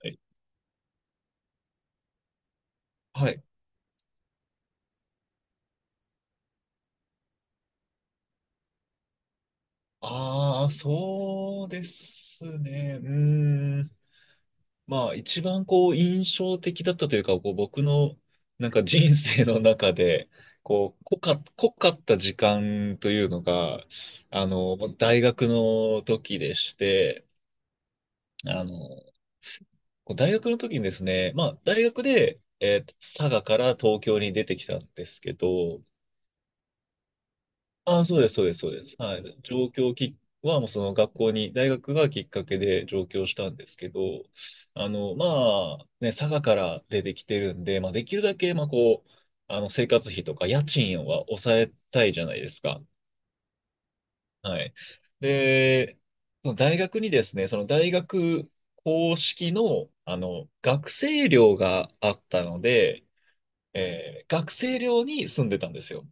はい。はい。ああ、そうですね。うーん。まあ、一番こう、印象的だったというか、こう、僕の、なんか人生の中で、こう、濃かった時間というのが、あの、大学の時でして、あの、こう大学の時にですね、まあ、大学で、佐賀から東京に出てきたんですけど、あ、そうです、そうです、そうです。はい。上京きは、もうその学校に、大学がきっかけで上京したんですけど、あの、まあ、ね、佐賀から出てきてるんで、まあ、できるだけ、まあ、こう、あの、生活費とか家賃は抑えたいじゃないですか。はい。で、その大学にですね、その大学公式の、あの、学生寮があったので、学生寮に住んでたんですよ。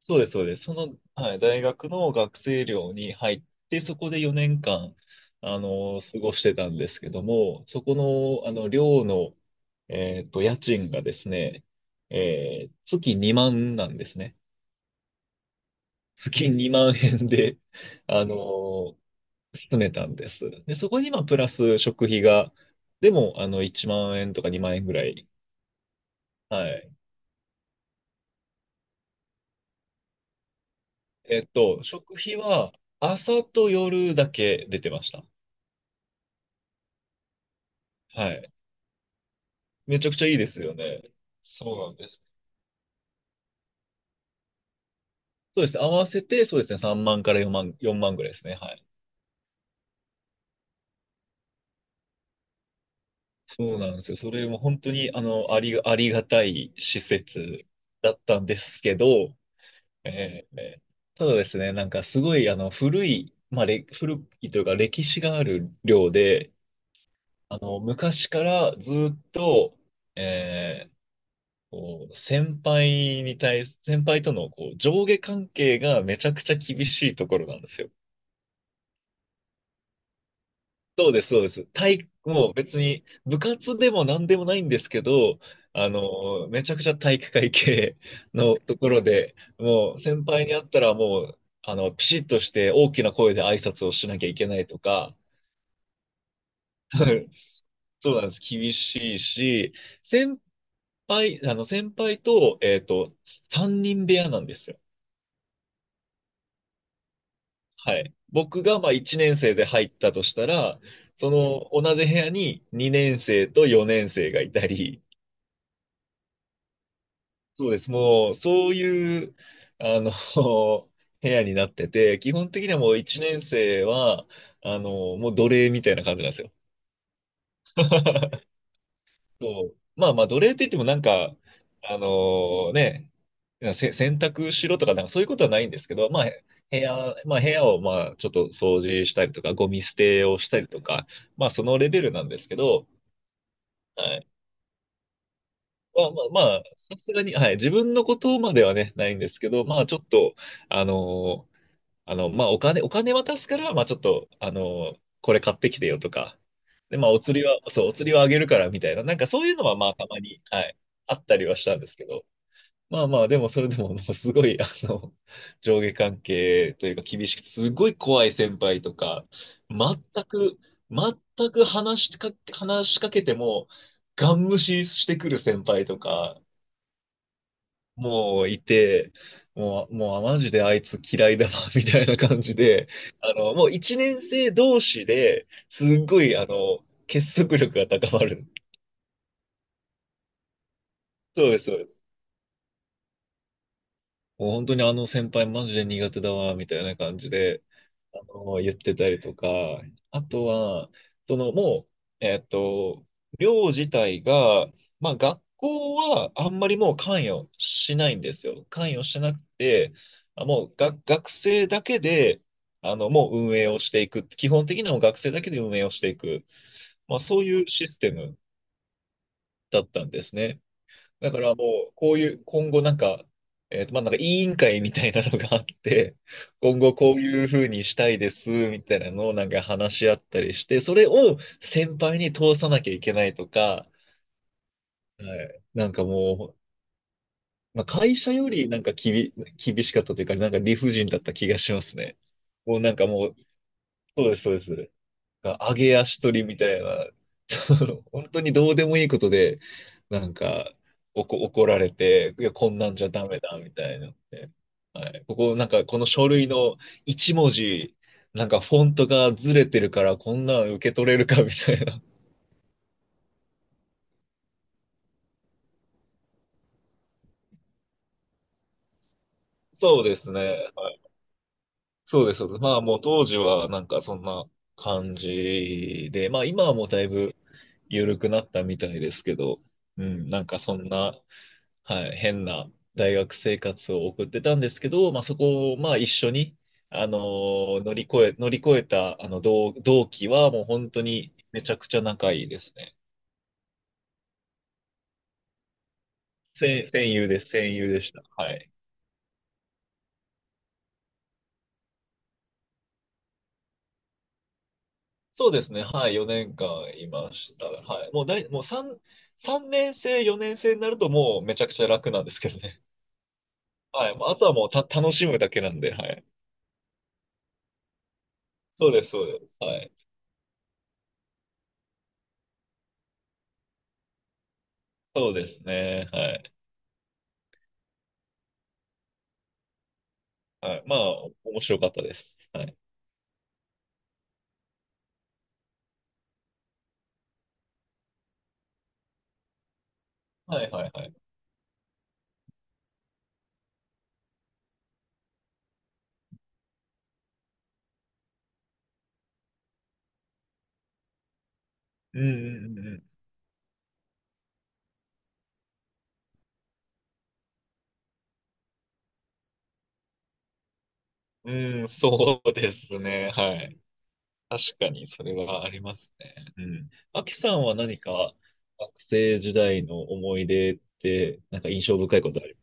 そうです、そうです。その、はい、大学の学生寮に入って、そこで4年間、あの、過ごしてたんですけども、そこの、あの、寮の、えっと、家賃がですね、月2万なんですね。月2万円で、あの、住めたんです。で、そこに、まあ、プラス食費が、でも、あの、1万円とか2万円ぐらい。はい。えっと、食費は、朝と夜だけ出てました。はい。めちゃくちゃいいですよね。そうなんです。そうですね。合わせて、そうですね。3万から4万、4万ぐらいですね。はい。そうなんですよ。それも本当に、あの、ありがたい施設だったんですけど、えーえーただですね、なんかすごい、あの、古い、まあ、古いというか歴史がある寮で、あの、昔からずっと、えーこう先輩に対す、先輩とのこう上下関係がめちゃくちゃ厳しいところなんですよ。そうです、そうです。体育、もう別に部活でも何でもないんですけど、あの、めちゃくちゃ体育会系のところで、もう先輩に会ったらもう、あの、ピシッとして大きな声で挨拶をしなきゃいけないとか、そうなんです。厳しいし、先先輩と、えっと、3人部屋なんですよ。はい。僕がまあ1年生で入ったとしたら、その同じ部屋に2年生と4年生がいたり、そうです。もう、そういう、あの、部屋になってて、基本的にはもう1年生は、あの、もう奴隷みたいな感じなんですよ。そう。まあまあ、奴隷って言ってもなんか、あのね、洗濯しろとか、なんかそういうことはないんですけど、まあ、部屋をまあちょっと掃除したりとか、ゴミ捨てをしたりとか、まあそのレベルなんですけど、はい。まあまあまあ、さすがに、はい、自分のことまではね、ないんですけど、まあちょっと、あのあの、まあ、お金渡すから、まあ、ちょっと、あの、これ買ってきてよとか、で、まあ、お釣りはあげるからみたいな、なんかそういうのは、まあ、たまに、はい、あったりはしたんですけど、まあまあ、でも、それでも、もうすごい、あの、上下関係というか、厳しくて、すごい怖い先輩とか、全く、全く話しか、話しかけても、ガン無視してくる先輩とか、もういて、もう、あマジであいつ嫌いだな、みたいな感じで、あの、もう一年生同士で、すっごい、あの、結束力が高まる。そうです、そうです。もう本当にあの先輩マジで苦手だわ、みたいな感じで、あの、言ってたりとか、あとは、その、もう、えっと、寮自体が、まあ、学校はあんまりもう関与しないんですよ。関与しなくて、あもうが学生だけで、あの、もう運営をしていく。基本的にはもう学生だけで運営をしていく。まあ、そういうシステムだったんですね。だからもう、こういう、今後なんか、えっと、まあ、なんか委員会みたいなのがあって、今後こういうふうにしたいです、みたいなのをなんか話し合ったりして、それを先輩に通さなきゃいけないとか、はい。なんかもう、まあ、会社よりなんか厳しかったというか、なんか理不尽だった気がしますね。もうなんかもう、そうです、そうです。上げ足取りみたいな、その本当にどうでもいいことで、なんか、怒られて、いや、こんなんじゃダメだ、みたいなので。はい。ここ、なんか、この書類の一文字、なんか、フォントがずれてるから、こんなん受け取れるか、みたいな。そうですね。はい。そうです、そうです。まあもう当時はなんかそんな感じで、まあ今はもうだいぶ緩くなったみたいですけど、うん、なんかそんな、はい、変な大学生活を送ってたんですけど、まあそこをまあ一緒に、乗り越えたあの同期はもう本当にめちゃくちゃ仲いいですね。戦友でした。はい。そうですね。はい。4年間いました。はい。もうだい、もう3、三年生、4年生になるともうめちゃくちゃ楽なんですけどね。はい。もうあとはもう楽しむだけなんで、はい。そうです、そうです。はい。そうですね。はい。はい。まあ、面白かったです。はい。はい、はい、はい。うん、うん、うん。うん、そうですね。はい。確かに、それはありますね。うん。アキさんは何か学生時代の思い出って、なんか印象深いことあり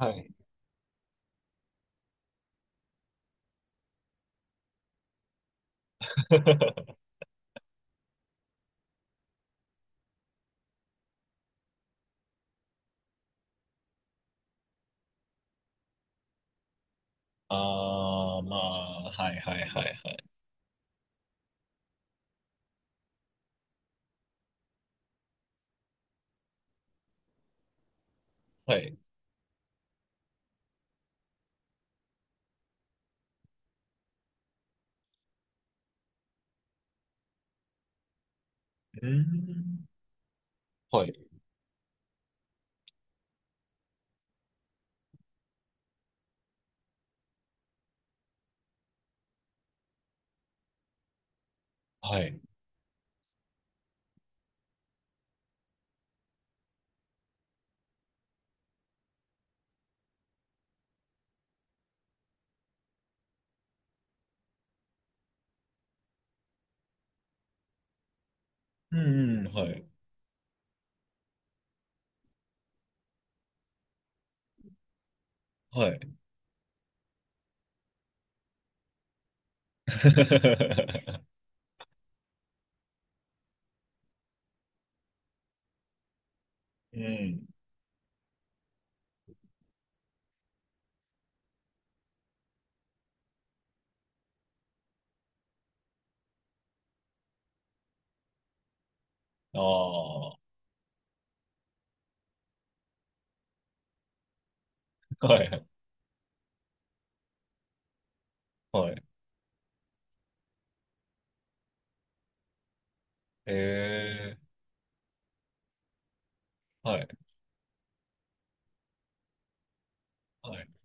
ます？はい。ああ、まあ、はいはいはいはい。はい。うーん。はい。はい。うんうん、はい。はい。うん。ああ、はいはい。はい。ええ、はい。はいはいええはいはい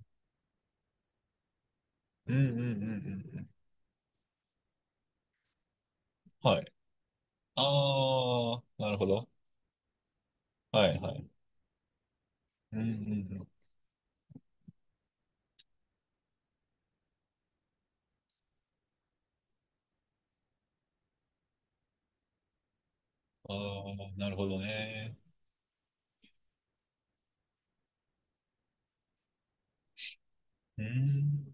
うんうんうんうんうん。はい。ああ、なるほど。はいはい。うんうんうん。ああ、なるほどね。うん。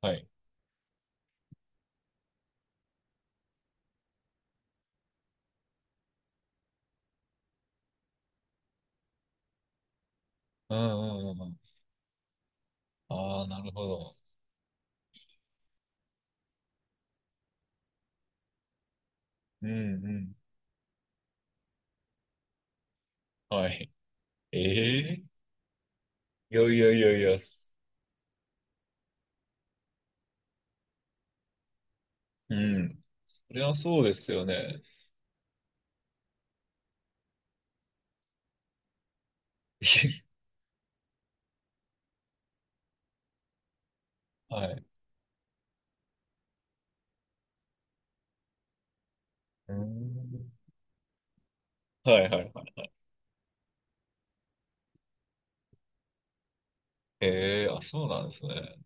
はい。うんうんうんうん。ああ、なるほど。うんうん。はい。ええいやいやいやいや。うん。それはそうですよね。はい。うん。はいはいはい。ええ、あ、そうなんですね。